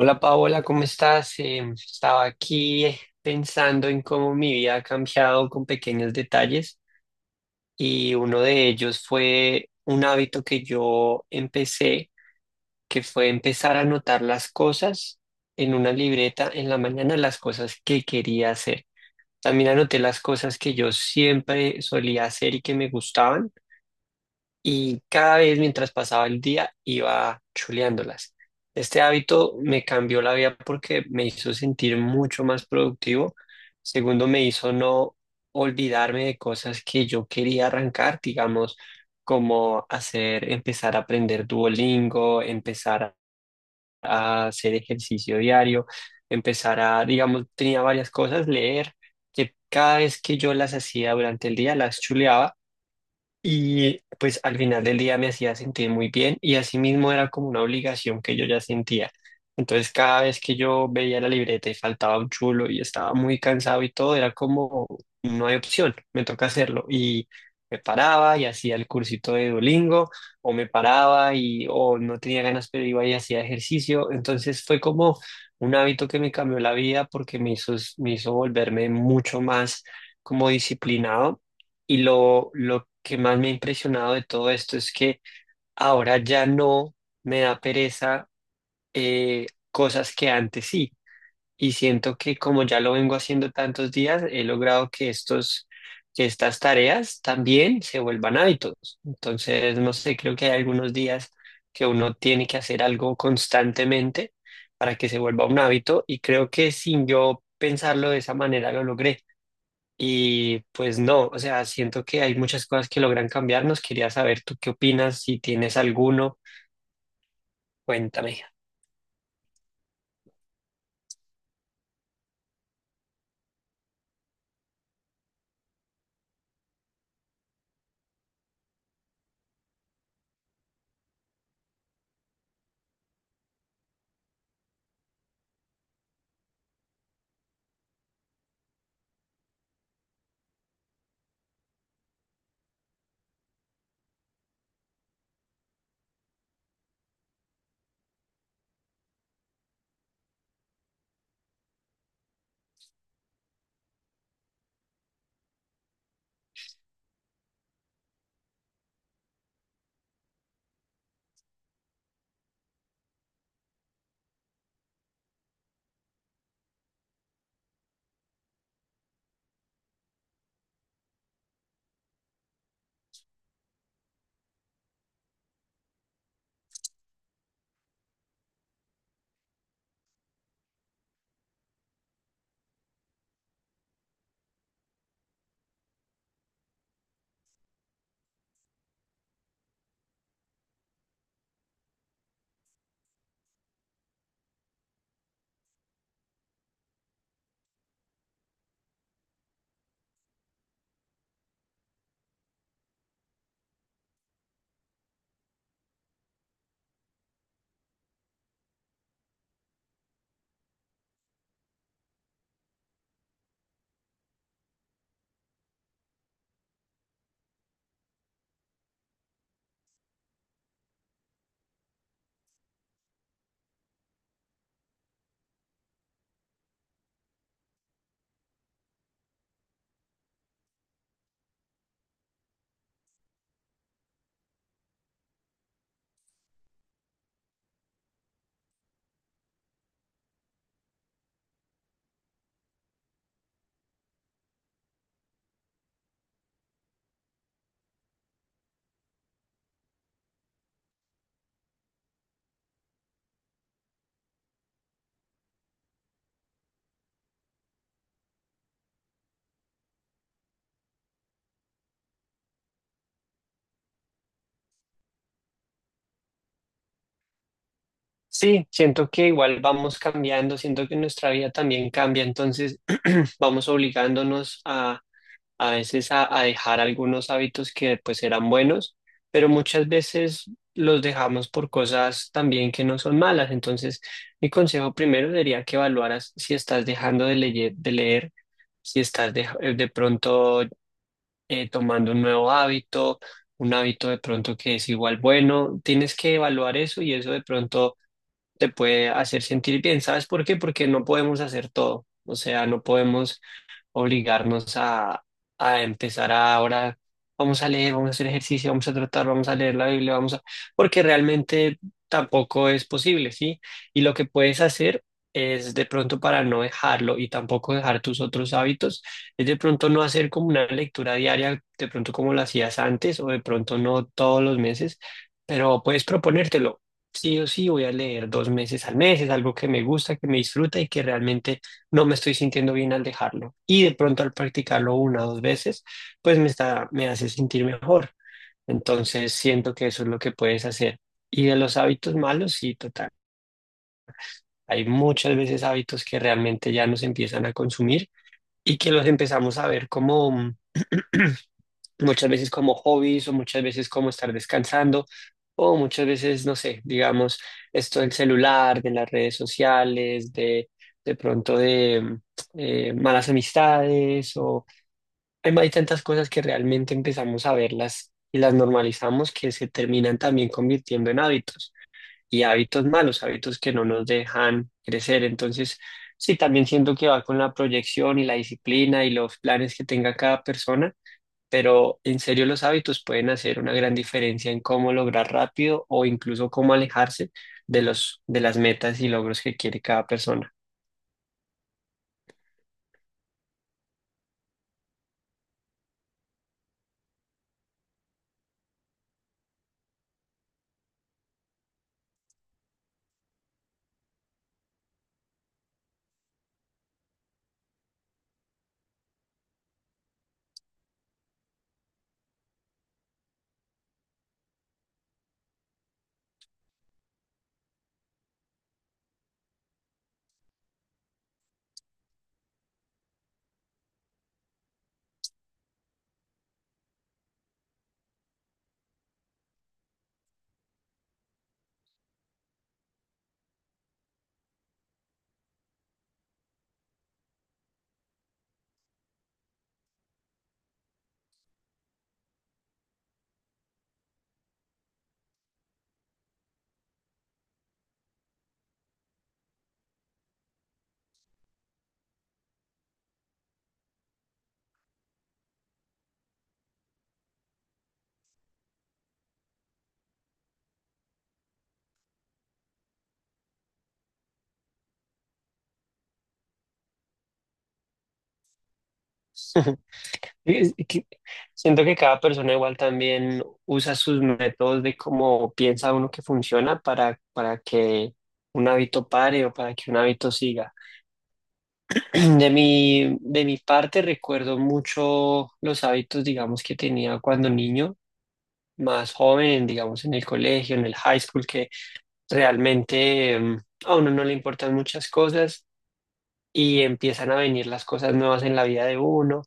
Hola Paola, ¿cómo estás? Estaba aquí pensando en cómo mi vida ha cambiado con pequeños detalles y uno de ellos fue un hábito que yo empecé, que fue empezar a anotar las cosas en una libreta en la mañana, las cosas que quería hacer. También anoté las cosas que yo siempre solía hacer y que me gustaban y cada vez mientras pasaba el día iba chuleándolas. Este hábito me cambió la vida porque me hizo sentir mucho más productivo. Segundo, me hizo no olvidarme de cosas que yo quería arrancar, digamos, como hacer, empezar a aprender Duolingo, empezar a hacer ejercicio diario, empezar a, digamos, tenía varias cosas, leer, que cada vez que yo las hacía durante el día, las chuleaba y pues al final del día me hacía sentir muy bien y asimismo era como una obligación que yo ya sentía. Entonces cada vez que yo veía la libreta y faltaba un chulo y estaba muy cansado y todo, era como, no hay opción, me toca hacerlo. Y me paraba y hacía el cursito de Duolingo o me paraba y o no tenía ganas, pero iba y hacía ejercicio. Entonces fue como un hábito que me cambió la vida porque me hizo volverme mucho más como disciplinado y lo que más me ha impresionado de todo esto es que ahora ya no me da pereza cosas que antes sí. Y siento que como ya lo vengo haciendo tantos días, he logrado que que estas tareas también se vuelvan hábitos. Entonces, no sé, creo que hay algunos días que uno tiene que hacer algo constantemente para que se vuelva un hábito. Y creo que sin yo pensarlo de esa manera lo logré. Y pues no, o sea, siento que hay muchas cosas que logran cambiarnos. Quería saber tú qué opinas. Si tienes alguno, cuéntame. Sí, siento que igual vamos cambiando, siento que nuestra vida también cambia, entonces vamos obligándonos a veces a dejar algunos hábitos que pues eran buenos, pero muchas veces los dejamos por cosas también que no son malas. Entonces, mi consejo primero sería que evaluaras si estás dejando de leer, si estás de pronto tomando un nuevo hábito, un hábito de pronto que es igual bueno. Tienes que evaluar eso y eso de pronto te puede hacer sentir bien. ¿Sabes por qué? Porque no podemos hacer todo. O sea, no podemos obligarnos a empezar a ahora, vamos a leer, vamos a hacer ejercicio, vamos a tratar, vamos a leer la Biblia, vamos a... porque realmente tampoco es posible, ¿sí? Y lo que puedes hacer es de pronto, para no dejarlo y tampoco dejar tus otros hábitos, es de pronto no hacer como una lectura diaria, de pronto como lo hacías antes o de pronto no todos los meses, pero puedes proponértelo. Sí o sí voy a leer 2 meses al mes, es algo que me gusta, que me disfruta y que realmente no me estoy sintiendo bien al dejarlo. Y de pronto al practicarlo una o dos veces, pues me está, me hace sentir mejor. Entonces siento que eso es lo que puedes hacer. Y de los hábitos malos, sí, total. Hay muchas veces hábitos que realmente ya nos empiezan a consumir y que los empezamos a ver como muchas veces como hobbies o muchas veces como estar descansando o muchas veces, no sé, digamos, esto del celular, de las redes sociales, de pronto de malas amistades o hay tantas cosas que realmente empezamos a verlas y las normalizamos que se terminan también convirtiendo en hábitos y hábitos malos, hábitos que no nos dejan crecer. Entonces, sí, también siento que va con la proyección y la disciplina y los planes que tenga cada persona, pero en serio los hábitos pueden hacer una gran diferencia en cómo lograr rápido o incluso cómo alejarse de de las metas y logros que quiere cada persona. Es que siento que cada persona igual también usa sus métodos de cómo piensa uno que funciona para que un hábito pare o para que un hábito siga. De mi parte recuerdo mucho los hábitos, digamos, que tenía cuando niño, más joven, digamos, en el colegio, en el high school, realmente a uno no le importan muchas cosas y empiezan a venir las cosas nuevas en la vida de uno.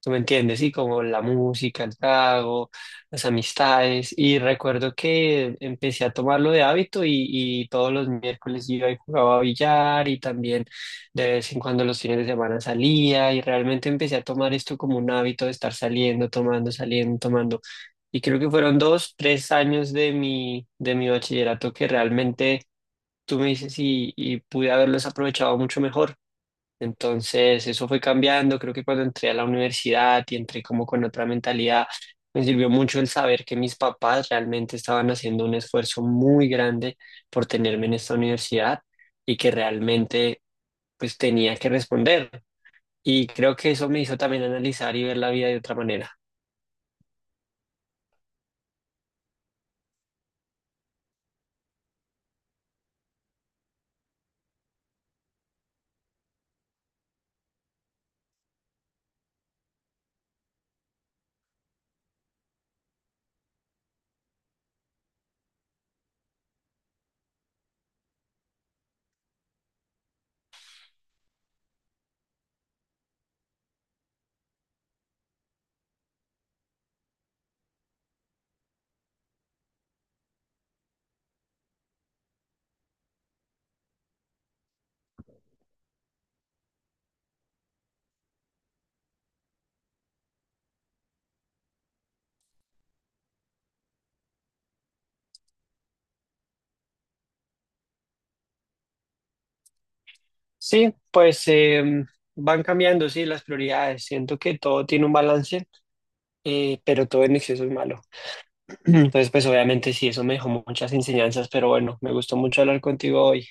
¿Tú me entiendes? Sí, como la música, el trago, las amistades. Y recuerdo que empecé a tomarlo de hábito y todos los miércoles iba y jugaba a billar y también de vez en cuando los fines de semana salía y realmente empecé a tomar esto como un hábito de estar saliendo, tomando, saliendo, tomando. Y creo que fueron 2, 3 años de de mi bachillerato que realmente tú me dices y pude haberlos aprovechado mucho mejor. Entonces, eso fue cambiando. Creo que cuando entré a la universidad y entré como con otra mentalidad, me sirvió mucho el saber que mis papás realmente estaban haciendo un esfuerzo muy grande por tenerme en esta universidad y que realmente pues tenía que responder. Y creo que eso me hizo también analizar y ver la vida de otra manera. Sí, pues van cambiando, sí, las prioridades. Siento que todo tiene un balance, pero todo en exceso es malo. Entonces, pues obviamente sí, eso me dejó muchas enseñanzas, pero bueno, me gustó mucho hablar contigo hoy.